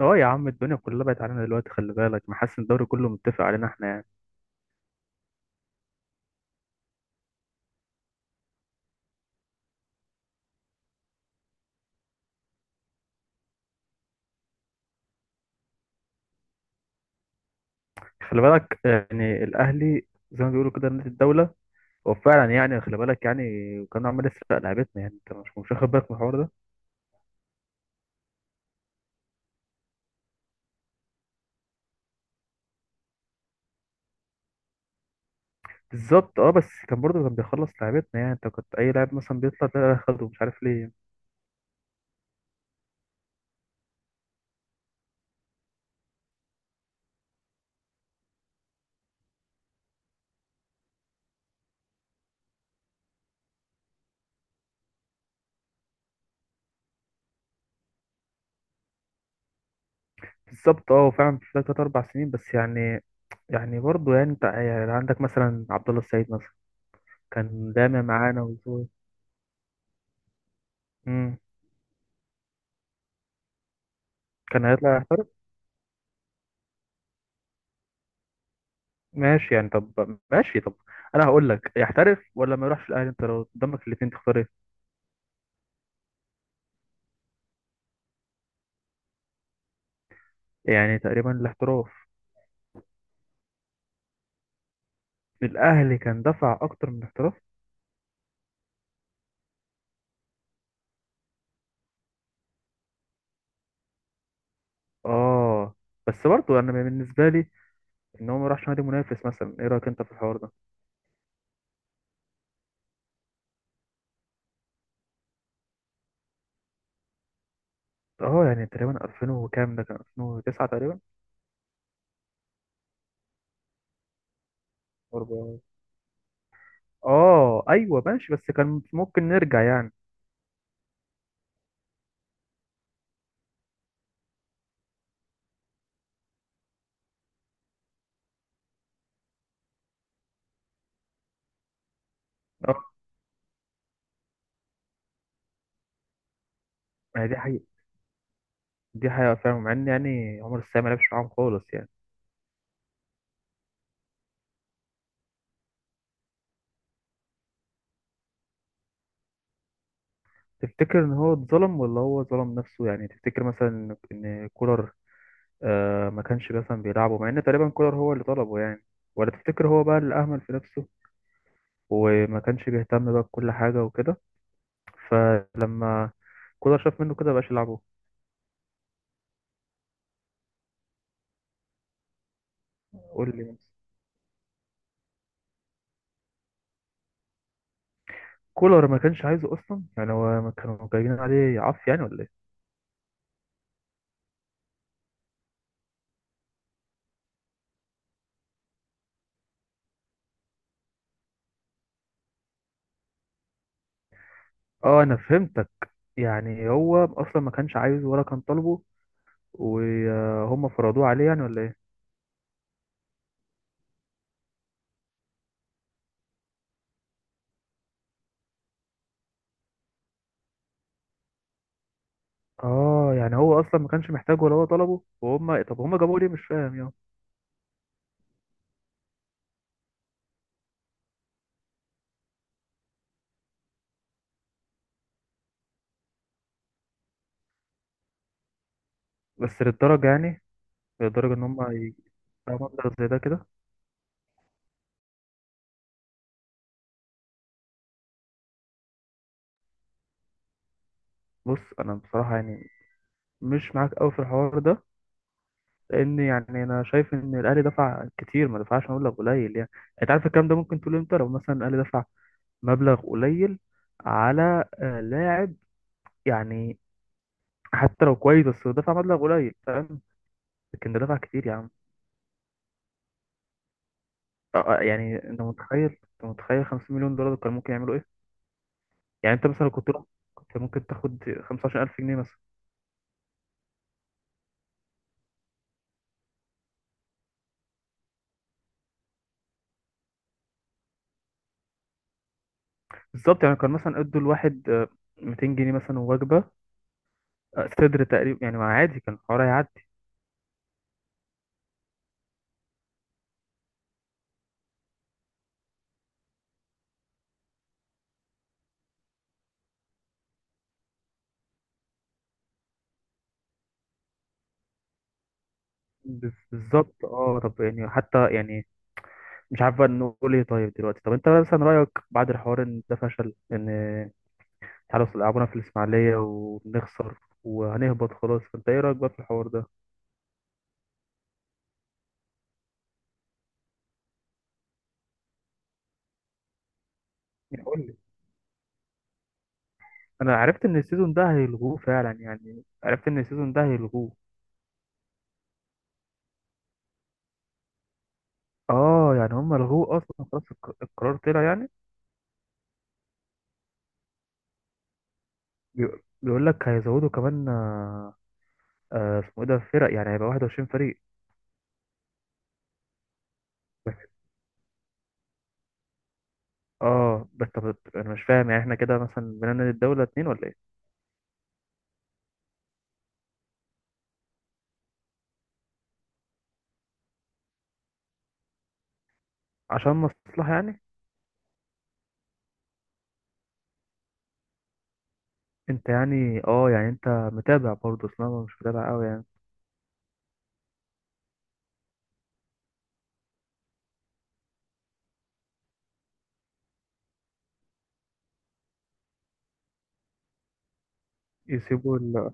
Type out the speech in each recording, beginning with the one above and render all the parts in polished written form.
اه يا عم، الدنيا كلها بقت علينا دلوقتي. خلي بالك، ما حاسس إن الدوري كله متفق علينا احنا يعني؟ خلي بالك يعني، الاهلي زي ما بيقولوا كده نادي الدوله. هو فعلا يعني، خلي بالك يعني، كان عمال يسرق لعيبتنا. يعني انت مش واخد بالك من الحوار ده؟ بالظبط. اه، بس كان برضه كان بيخلص لعيبتنا. يعني انت كنت اي لاعب مثلا بيطلع ده ياخده، مش عارف ليه. بالظبط. اه، فعلا في ثلاث اربع سنين، بس يعني برضه يعني، انت يعني عندك مثلا عبد الله السعيد مثلا، كان دايما معانا وزوي. مم. كان هيطلع. ماشي يعني، طب ماشي، طب انا هقول لك، يحترف ولا ما يروحش الاهلي، انت لو قدامك الاثنين تختار ايه؟ يعني تقريبا الاحتراف. الاهلي كان دفع اكتر من الاحتراف. اه، بس برضه انا بالنسبه لي، ان هو ما راحش نادي منافس مثلا، ايه رايك انت في الحوار ده؟ اه يعني تقريبا 2000 وكام، ده كان 2009 تقريبا. أربعة. اه ايوه ماشي، بس كان ممكن نرجع يعني. اه، ما هي دي حقيقه. دي حقيقه فعلا، مع ان يعني عمر السام ما لعبش معاهم خالص يعني. تفتكر ان هو اتظلم ولا هو ظلم نفسه؟ يعني تفتكر مثلا إن كولر، ما كانش مثلا بيلعبه، مع ان تقريبا كولر هو اللي طلبه يعني. ولا تفتكر هو بقى اللي اهمل في نفسه، وما كانش بيهتم بقى بكل حاجة وكده؟ فلما كولر شاف منه كده مبقاش يلعبه. قول لي. كولر ما كانش عايزه اصلا؟ يعني هو ما كانوا جايبين عليه عف يعني ولا ايه؟ اه، انا فهمتك. يعني هو اصلا ما كانش عايزه ولا كان طالبه، وهم فرضوه عليه يعني ولا ايه؟ اه يعني هو اصلا ما كانش محتاجه ولا هو طلبه، وهم، طب هم جابوه ليه؟ مش فاهم يعني. بس للدرجه يعني؟ لدرجه ان هم يجيبوا مبلغ زي ده كده؟ بص انا بصراحه يعني، مش معاك قوي في الحوار ده. لان يعني انا شايف ان الاهلي دفع كتير، ما دفعش مبلغ قليل يعني. انت عارف الكلام ده ممكن تقول امتى؟ لو مثلا الاهلي دفع مبلغ قليل على لاعب، يعني حتى لو كويس، بس هو دفع مبلغ قليل، فاهم؟ لكن ده دفع كتير يا عم. يعني انت متخيل 50 مليون دولار كان ممكن يعملوا ايه؟ يعني انت مثلا لو كنت ممكن تاخد 15,000 جنيه مثلا. بالظبط، يعني كان مثلا ادوا الواحد 200 جنيه مثلا وجبة صدر تقريبا يعني، ما عادي كان الحوار هيعدي. بالظبط. اه، طب يعني حتى يعني، مش عارف بقى نقول ايه. طيب دلوقتي، طب انت مثلا رأيك بعد الحوار ان ده فشل، ان تعالوا لعبونا في الإسماعيلية ونخسر وهنهبط خلاص، فانت ايه رأيك بقى في الحوار ده؟ يعني قول لي. انا عرفت ان السيزون ده هيلغوه فعلا، يعني عرفت ان السيزون ده هيلغوه. اه يعني هم لغوه اصلا خلاص. القرار طلع يعني. بيقول لك هيزودوا كمان اسمه ايه ده، فرق، يعني هيبقى 21 فريق. بس. اه، بس طب انا مش فاهم يعني، احنا كده مثلا بنعمل الدولة اتنين ولا ايه؟ عشان مصلحة يعني؟ انت يعني، يعني انت متابع برضه، اصل انا مش متابع قوي يعني. يسيبوا ال...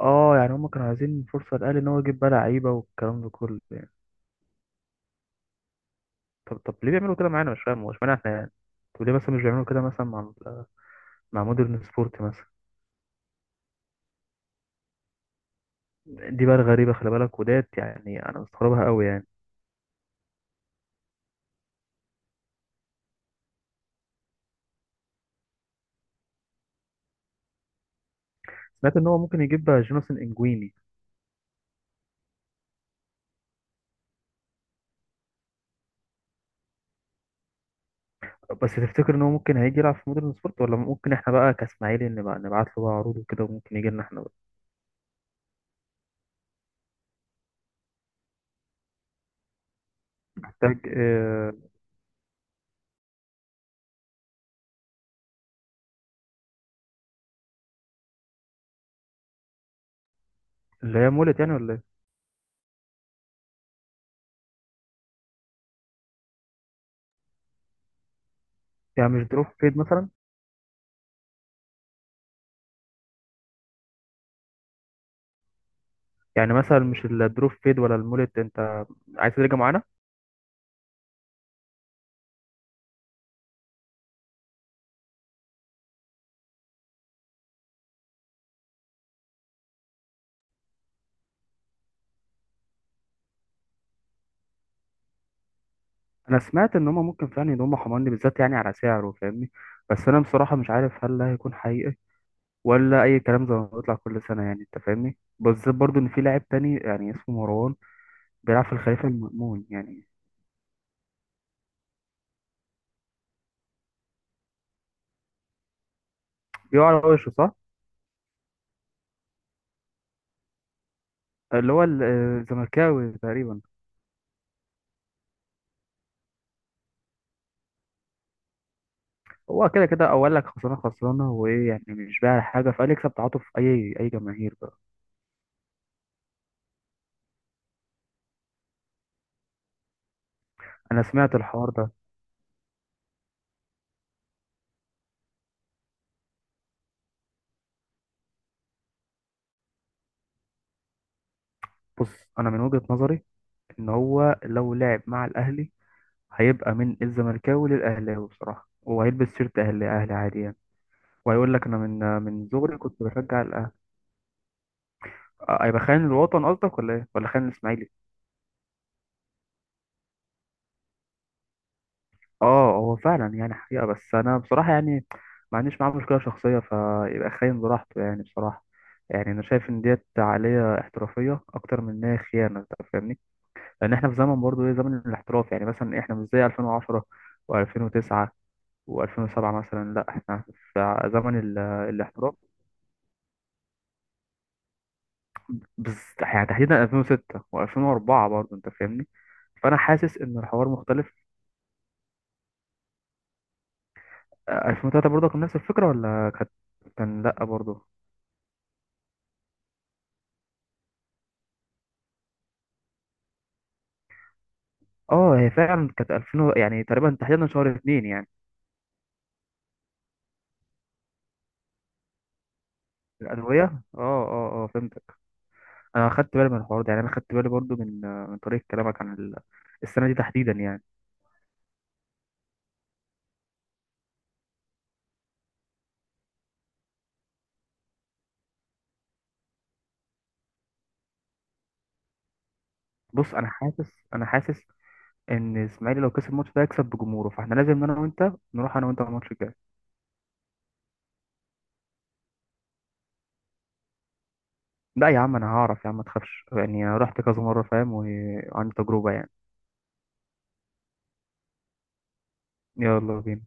اه يعني هم كانوا عايزين فرصة للاهلي ان هو يجيب بقى لعيبة والكلام ده كله يعني. طب ليه بيعملوا كده معانا؟ مش فاهم هو اشمعنى احنا يعني. طب ليه مثلا مش بيعملوا كده مثلا مع مودرن سبورت مثلا؟ دي بقى الغريبة، خلي بالك وديت يعني، أنا مستغربها قوي يعني. سمعت إن هو ممكن يجيب بقى جوناثان إنجويني. بس تفتكر إن هو ممكن هيجي يلعب في مودرن سبورت، ولا ممكن إحنا بقى كإسماعيلي نبقى نبعت له بقى عروض وكده وممكن يجي لنا إحنا بقى؟ محتاج اللي هي مولت يعني ولا إيه؟ يعني مش دروب فيد مثلا؟ يعني مثلا مش الدروب فيد ولا المولت، أنت عايز ترجع معانا؟ أنا سمعت إن هما ممكن فعلا يضموا حماني بالذات، يعني على سعره فاهمني. بس أنا بصراحة مش عارف هل ده هيكون حقيقي، ولا أي كلام زي ما بيطلع كل سنة يعني. أنت فاهمني، بالذات برضو إن في لاعب تاني يعني اسمه مروان، بيلعب في الخليفة المأمون يعني. بيقع على وشه صح؟ اللي هو الزملكاوي تقريبا. هو كده كده أول لك خسرانة خسرانة، وإيه يعني؟ مش بايع حاجة، فقال يكسب تعاطف أي جماهير بقى. أنا سمعت الحوار ده. بص أنا من وجهة نظري، إن هو لو لعب مع الأهلي هيبقى من الزملكاوي للأهلاوي بصراحة، وهيلبس شيرت أهلي أهلي عادي يعني. وهيقول لك أنا من صغري كنت بشجع الأهلي. هيبقى خاين الوطن قصدك ولا إيه؟ ولا خاين الإسماعيلي؟ اه هو فعلا يعني حقيقة، بس انا بصراحة يعني ما عنديش معاه مشكلة شخصية، فيبقى خاين براحته يعني بصراحة. يعني انا شايف ان ديت عقلية احترافية اكتر من ان هي خيانة، انت فاهمني. لان احنا في زمن برضه ايه، زمن الاحتراف، يعني مثلا احنا مش زي 2010 و2009 و2007 مثلا، لا احنا في زمن الاحتراف. بس يعني تحديدا 2006 و2004 برضه انت فاهمني، فانا حاسس ان الحوار مختلف. 2003 برضه كان نفس الفكرة ولا كانت، كان لا برضه. اه هي فعلا كانت 2000 يعني تقريبا تحديدا شهر اتنين يعني. الأدوية، اه اه اه، فهمتك. أنا خدت بالي من الحوار ده يعني، أنا خدت بالي برضو من طريقة كلامك عن السنة دي تحديدا يعني. بص أنا حاسس، إن إسماعيلي لو كسب الماتش ده هيكسب بجمهوره، فإحنا لازم أنا وأنت نروح أنا وأنت الماتش الجاي. لا يا عم أنا هعرف يا عم، ما تخافش يعني، أنا رحت كذا مرة فاهم وعندي تجربة يعني. يلا بينا